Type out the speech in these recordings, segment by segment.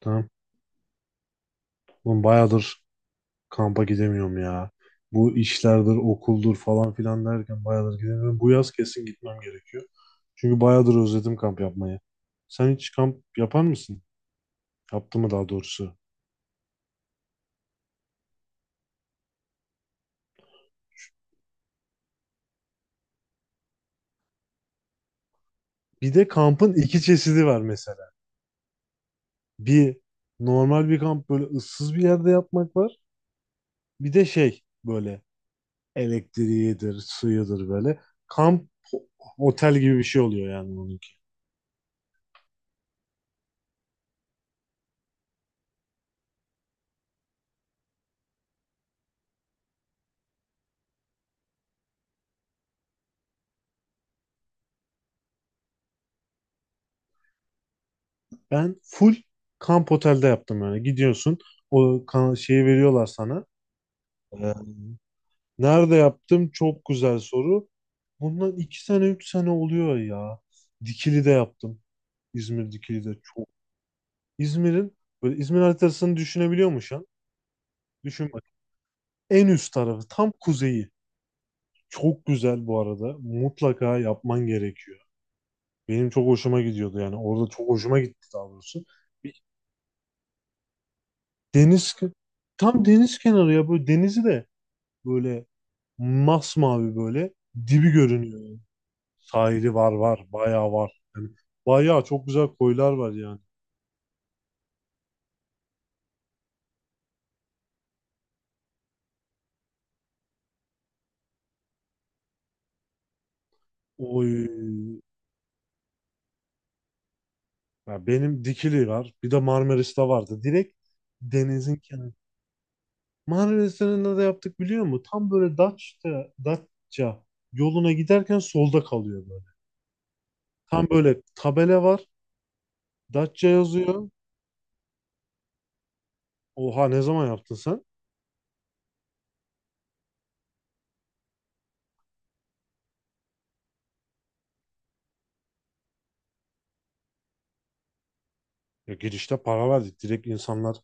Tamam. Oğlum bayağıdır kampa gidemiyorum ya. Bu işlerdir, okuldur falan filan derken bayağıdır gidemiyorum. Bu yaz kesin gitmem gerekiyor. Çünkü bayağıdır özledim kamp yapmayı. Sen hiç kamp yapar mısın? Yaptın mı daha doğrusu? Bir de kampın iki çeşidi var mesela. Bir normal bir kamp böyle ıssız bir yerde yapmak var. Bir de şey böyle elektriğidir, suyudur böyle. Kamp otel gibi bir şey oluyor yani onun. Ben full kamp otelde yaptım yani. Gidiyorsun o şeyi veriyorlar sana. Ee, Nerede yaptım? Çok güzel soru. Bundan iki sene üç sene oluyor ya. Dikili'de yaptım. İzmir Dikili'de çok. İzmir'in böyle İzmir haritasını düşünebiliyor musun şu an? Düşün bak. En üst tarafı tam kuzeyi. Çok güzel bu arada. Mutlaka yapman gerekiyor. Benim çok hoşuma gidiyordu yani. Orada çok hoşuma gitti daha doğrusu. Bir deniz tam deniz kenarı ya, böyle denizi de böyle masmavi böyle. Dibi görünüyor yani. Sahili var var. Bayağı var. Yani bayağı çok güzel koylar var yani. Oy. Ya benim Dikili var. Bir de Marmaris'te vardı. Direkt denizin kenarı. Marmaris'te ne de yaptık biliyor musun? Tam böyle Datça, Datça yoluna giderken solda kalıyor böyle. Tam böyle tabela var. Datça yazıyor. Oha, ne zaman yaptın sen? Ya girişte para verdik. Direkt insanlar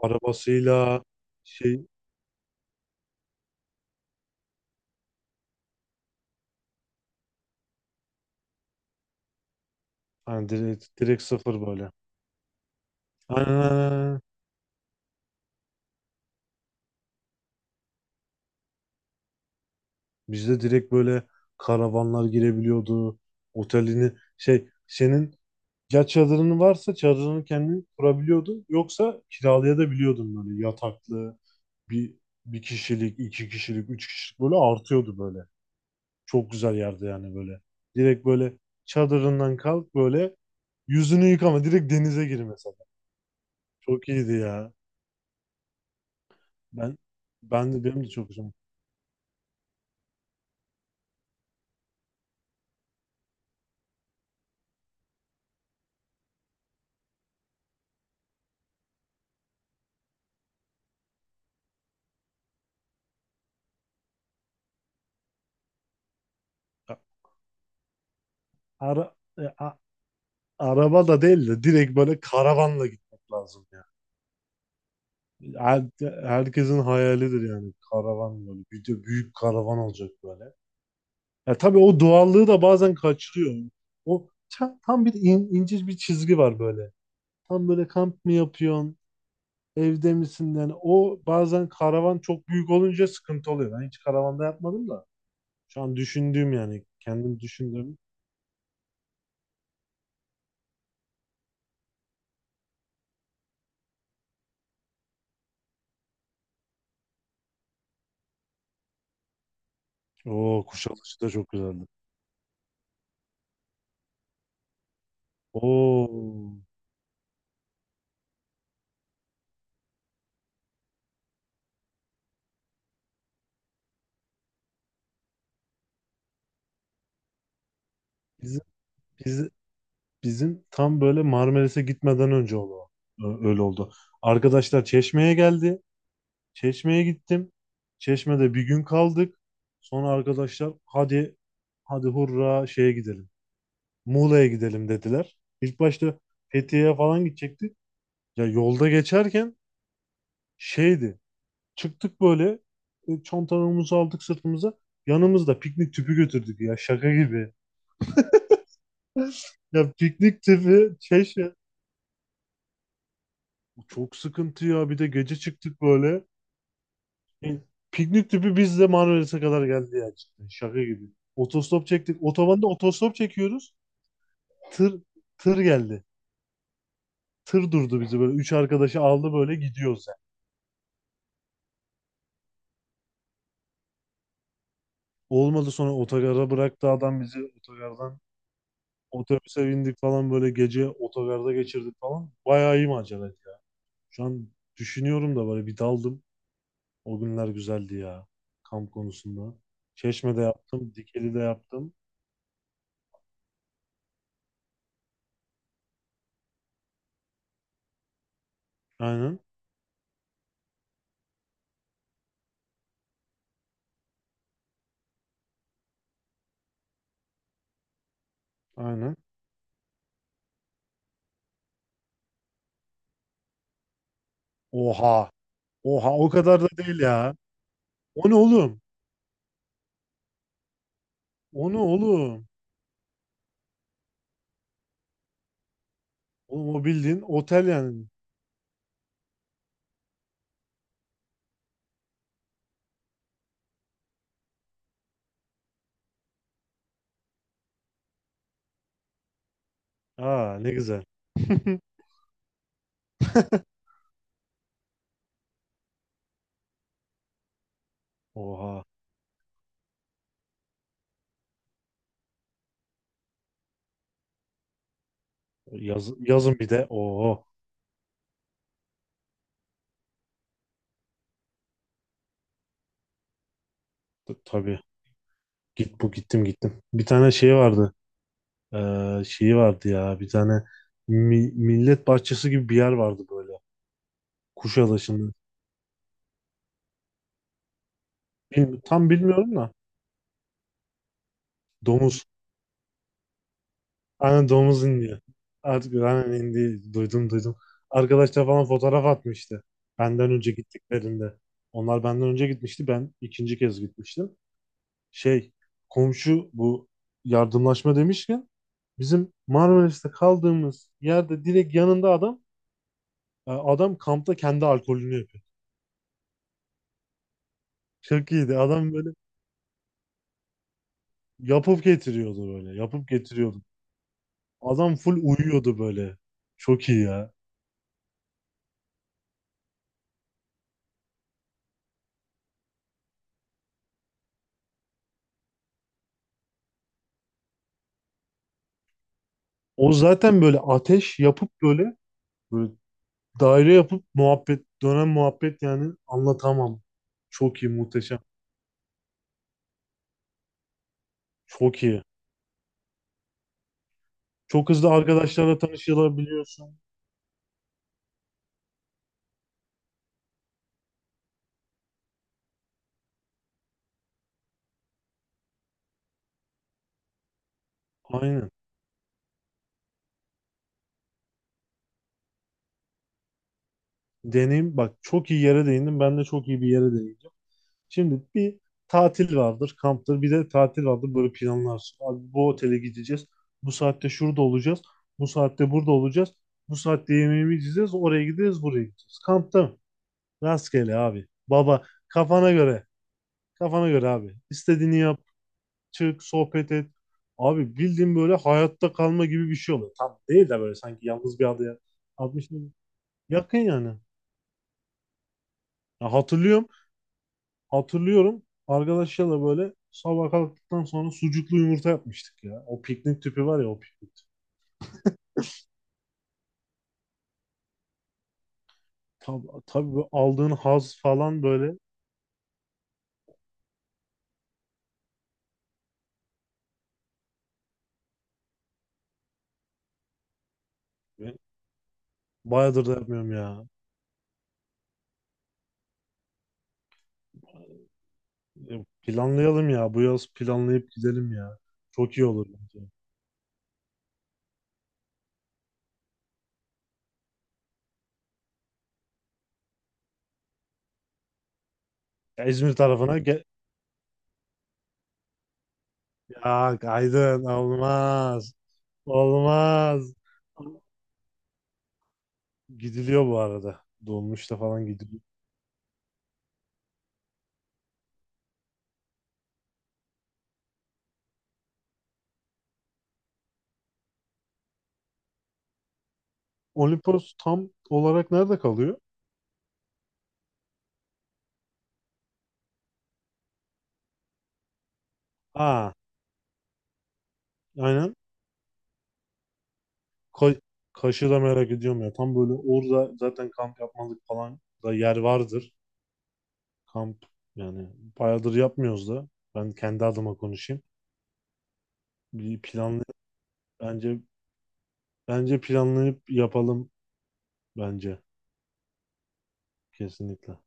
arabasıyla şey, hani direkt sıfır böyle. Aynen, aynen, aynen. Bizde direkt böyle karavanlar girebiliyordu. Otelini şey senin, ya çadırın varsa çadırını kendin kurabiliyordun. Yoksa kiralayabiliyordun böyle yataklı bir bir kişilik, iki kişilik, üç kişilik böyle artıyordu böyle. Çok güzel yerde yani böyle. Direkt böyle çadırından kalk, böyle yüzünü yıkama, direkt denize gir mesela. Çok iyiydi ya. Ben ben de benim de çok hoşuma. Ara, Araba da değil de direkt böyle karavanla gitmek lazım ya. Her, herkesin hayalidir yani karavan böyle. Bir de büyük karavan olacak böyle. Ya tabii o doğallığı da bazen kaçırıyor. O tam bir ince bir çizgi var böyle. Tam böyle kamp mı yapıyorsun? Evde misin? Yani o bazen karavan çok büyük olunca sıkıntı oluyor. Ben hiç karavanda yapmadım da. Şu an düşündüğüm yani kendim düşündüğüm. Oo, Kuşadası da çok güzeldi. Oo, biz, biz, bizim tam böyle Marmaris'e gitmeden önce oldu o. Öyle oldu. Arkadaşlar Çeşme'ye geldi. Çeşme'ye gittim. Çeşme'de bir gün kaldık. Sonra arkadaşlar hadi hurra şeye gidelim. Muğla'ya gidelim dediler. İlk başta Fethiye'ye falan gidecektik. Ya yolda geçerken şeydi. Çıktık böyle, çantalarımızı aldık sırtımıza. Yanımızda piknik tüpü götürdük ya, şaka gibi. Ya piknik tüpü Çeşme. Çok sıkıntı ya. Bir de gece çıktık böyle. Yani piknik tüpü biz de Marmaris'e kadar geldi ya cidden. Şaka gibi. Otostop çektik. Otobanda otostop çekiyoruz. Tır tır geldi. Tır durdu bizi böyle. Üç arkadaşı aldı böyle, gidiyoruz yani. Olmadı, sonra otogara bıraktı adam bizi otogardan. Otobüse bindik falan, böyle gece otogarda geçirdik falan. Bayağı iyi maceraydı ya. Şu an düşünüyorum da böyle bir daldım. O günler güzeldi ya. Kamp konusunda. Çeşme'de yaptım. Dikili'de yaptım. Aynen. Aynen. Oha. Oha, o kadar da değil ya. O ne oğlum? O ne oğlum? Oğlum o bildiğin otel yani. Aa, ne güzel. Oha. Yazın bir de. Oo. Tabii. Git bu gittim gittim. Bir tane şey vardı. Şeyi vardı ya. Bir tane millet bahçesi gibi bir yer vardı böyle. Kuşadası'nda. Tam bilmiyorum da. Domuz. Aynen domuz indi. Artık aynen indi. Duydum, duydum. Arkadaşlar falan fotoğraf atmıştı. Benden önce gittiklerinde. Onlar benden önce gitmişti. Ben ikinci kez gitmiştim. Şey, komşu, bu yardımlaşma demişken bizim Marmaris'te kaldığımız yerde direkt yanında adam, adam kampta kendi alkolünü yapıyor. Çok iyiydi. Adam böyle yapıp getiriyordu böyle. Yapıp getiriyordu. Adam full uyuyordu böyle. Çok iyi ya. O zaten böyle ateş yapıp böyle, böyle daire yapıp muhabbet, dönen muhabbet yani anlatamam. Çok iyi, muhteşem. Çok iyi. Çok hızlı arkadaşlarla tanışılabiliyorsun. Aynen. Deneyim bak, çok iyi yere değindim. Ben de çok iyi bir yere değineceğim. Şimdi bir tatil vardır, kamptır. Bir de tatil vardır. Böyle planlarsın. Abi bu otele gideceğiz. Bu saatte şurada olacağız. Bu saatte burada olacağız. Bu saatte yemeğimi yiyeceğiz. Oraya gideceğiz, buraya gideceğiz. Kampta mı? Rastgele abi. Baba kafana göre. Kafana göre abi. İstediğini yap. Çık, sohbet et. Abi bildiğin böyle hayatta kalma gibi bir şey oluyor. Tam değil de böyle sanki yalnız bir adaya atmış gibi. Yakın yani. Ya hatırlıyorum. Hatırlıyorum. Arkadaşlarla böyle sabah kalktıktan sonra sucuklu yumurta yapmıştık ya. O piknik tüpü var ya, o piknik tüpü. Tabii, tabii, bu aldığın haz falan böyle. E, Bayağıdır da yapmıyorum ya. Planlayalım ya. Bu yaz planlayıp gidelim ya. Çok iyi olur bence. Ya İzmir tarafına ya Aydın olmaz. Olmaz. Gidiliyor bu arada. Dolmuşta falan gidiliyor. Olimpos tam olarak nerede kalıyor? Aa, aynen. Ka Kaş'ı da merak ediyorum ya. Tam böyle orada zaten kamp yapmalık falan da yer vardır. Kamp yani bayağıdır yapmıyoruz da. Ben kendi adıma konuşayım. Bir planlı bence bence planlayıp yapalım, bence kesinlikle.